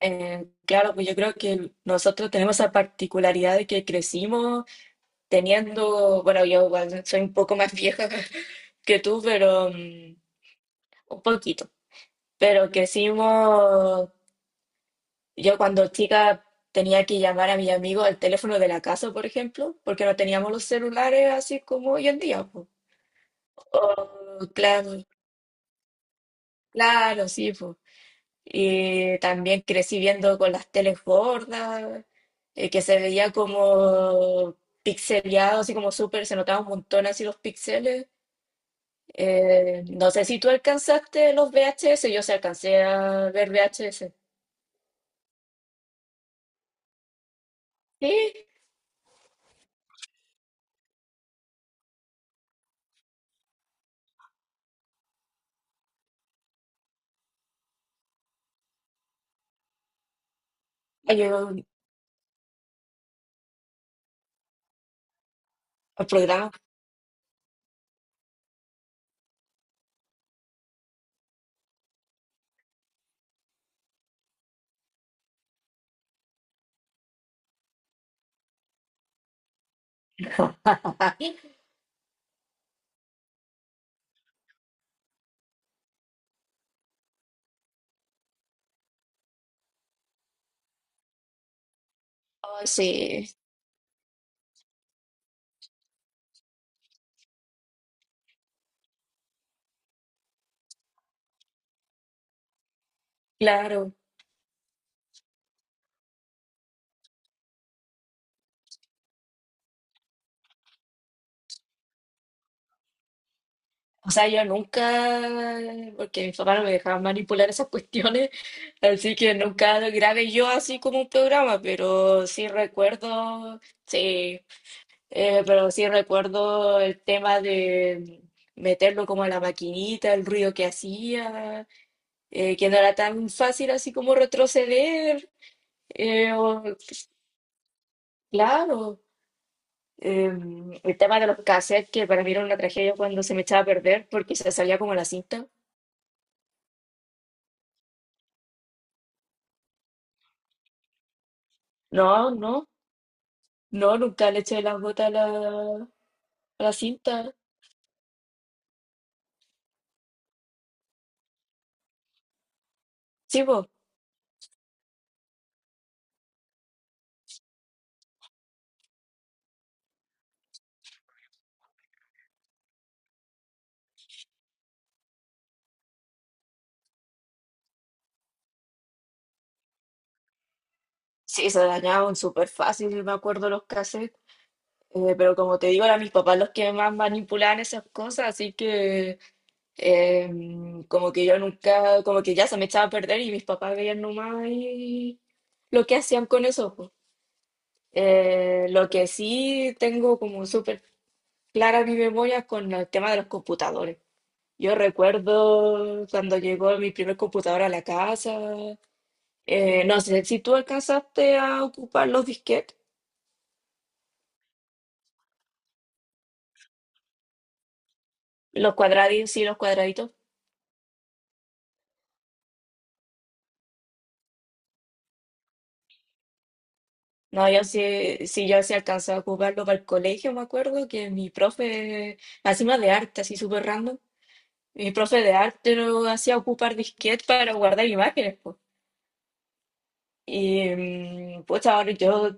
Claro, pues yo creo que nosotros tenemos esa particularidad de que crecimos teniendo, bueno, yo igual soy un poco más vieja que tú, pero un poquito, pero crecimos, yo cuando chica tenía que llamar a mi amigo al teléfono de la casa, por ejemplo, porque no teníamos los celulares así como hoy en día, pues. O, claro, claro, sí, pues. Y también crecí viendo con las teles gordas, que se veía como pixeleado, así como súper, se notaba un montón así los píxeles. No sé si tú alcanzaste los VHS, yo sí alcancé a ver VHS. Sí, hay un programa. Ay, sí, claro. O sea, yo nunca, porque mis papás no me dejaban manipular esas cuestiones, así que nunca grabé yo así como un programa, pero sí recuerdo. Sí. Pero sí recuerdo el tema de meterlo como a la maquinita, el ruido que hacía, que no era tan fácil así como retroceder. eh, o- claro, eh, el tema de los cassettes, que para mí era una tragedia cuando se me echaba a perder porque se salía como la cinta. No, no, no, nunca le eché las botas a la cinta. Sí, po. Sí, se dañaban súper fácil, me acuerdo los cassettes. Pero como te digo, eran mis papás los que más manipulaban esas cosas, así que eh, como que yo nunca, como que ya se me echaba a perder y mis papás veían nomás y lo que hacían con eso. Po. Lo que sí tengo como súper clara mi memoria es con el tema de los computadores. Yo recuerdo cuando llegó mi primer computador a la casa, no sé si tú alcanzaste a ocupar los disquetes, los cuadraditos, sí, los cuadraditos. No, yo sí, sí, yo sí alcanzaba a ocuparlo para el colegio, me acuerdo que mi profe, encima de arte, así súper random, mi profe de arte lo hacía ocupar disquete para guardar imágenes, pues. Y pues ahora yo,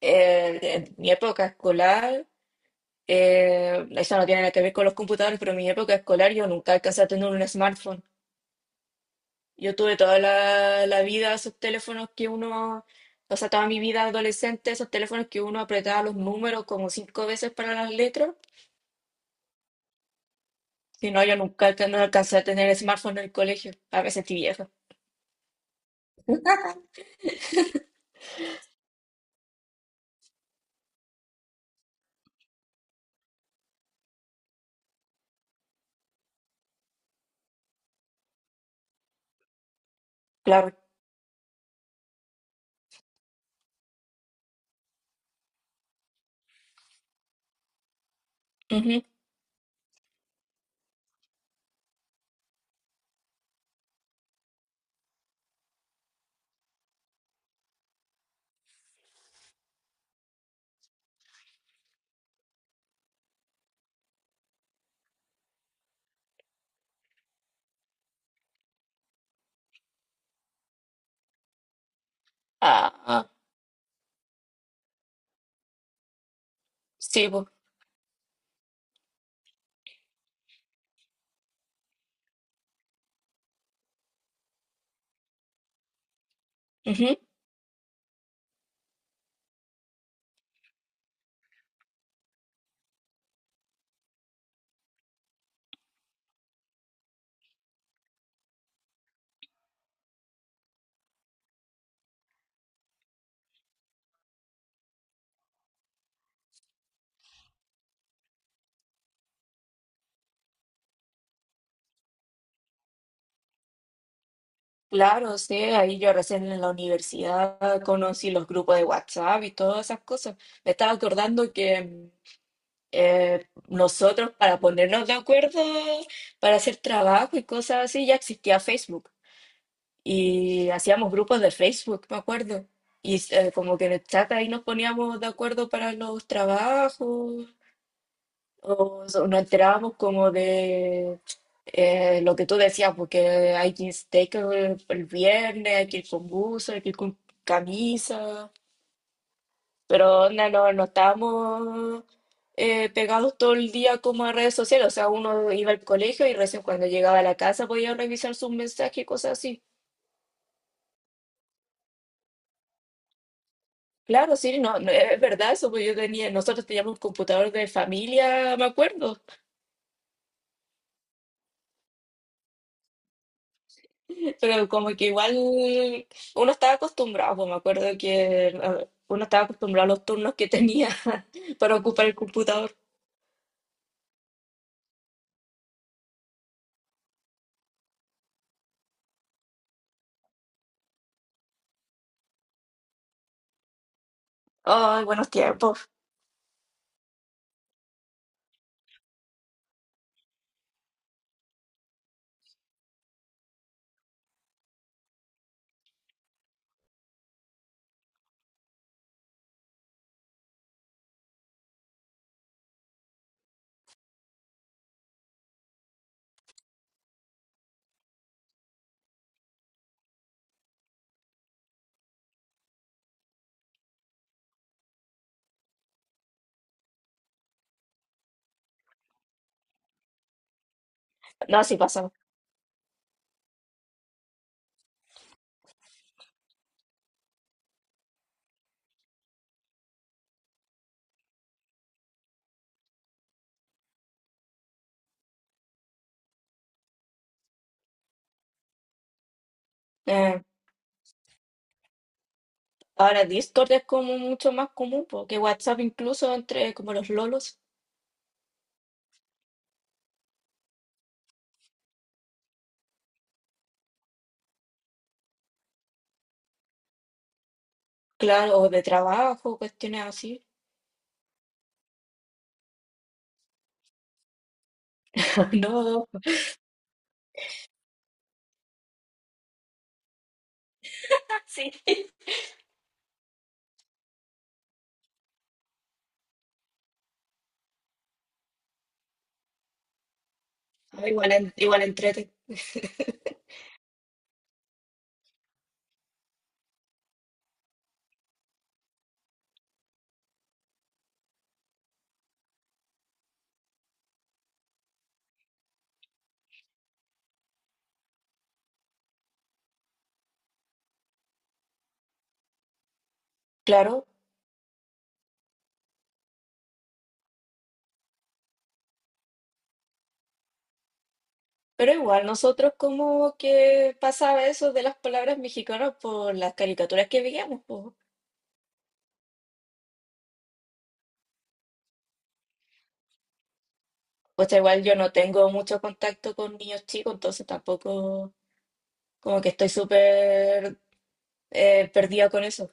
en mi época escolar, eso no tiene nada que ver con los computadores, pero en mi época escolar yo nunca alcancé a tener un smartphone. Yo tuve toda la vida esos teléfonos que uno, o sea, toda mi vida adolescente, esos teléfonos que uno apretaba los números como cinco veces para las letras. Si no, yo nunca alca- no alcancé a tener smartphone en el colegio. A veces sentí vieja, claro. Ujú. Ah, ah, sí, pues. Ujú. Claro, sí, ahí yo recién en la universidad conocí los grupos de WhatsApp y todas esas cosas. Me estaba acordando que nosotros para ponernos de acuerdo, para hacer trabajo y cosas así, ya existía Facebook. Y hacíamos grupos de Facebook, me acuerdo. Y como que en el chat ahí nos poníamos de acuerdo para los trabajos, nos enterábamos como de lo que tú decías, porque hay que ir steak el viernes, hay que ir con buzo, hay que ir con camisa. Pero onda, no, no estábamos pegados todo el día como a redes sociales. O sea, uno iba al colegio y recién cuando llegaba a la casa podía revisar sus mensajes y cosas así. Claro, sí, no, no, es verdad eso, pues yo tenía, nosotros teníamos un computador de familia, me acuerdo, pero como que igual uno estaba acostumbrado, pues me acuerdo que uno estaba acostumbrado a los turnos que tenía para ocupar el computador. Ay, buenos tiempos. No, así pasó. Eh, Ahora Discord es como mucho más común, porque WhatsApp incluso entre como los lolos, claro, o de trabajo, cuestiones así. No, sí. Ah, igual, igual entrete, claro. Pero igual, nosotros como que pasaba eso de las palabras mexicanas por las caricaturas que veíamos, po. O sea, igual yo no tengo mucho contacto con niños chicos, entonces tampoco como que estoy súper perdida con eso.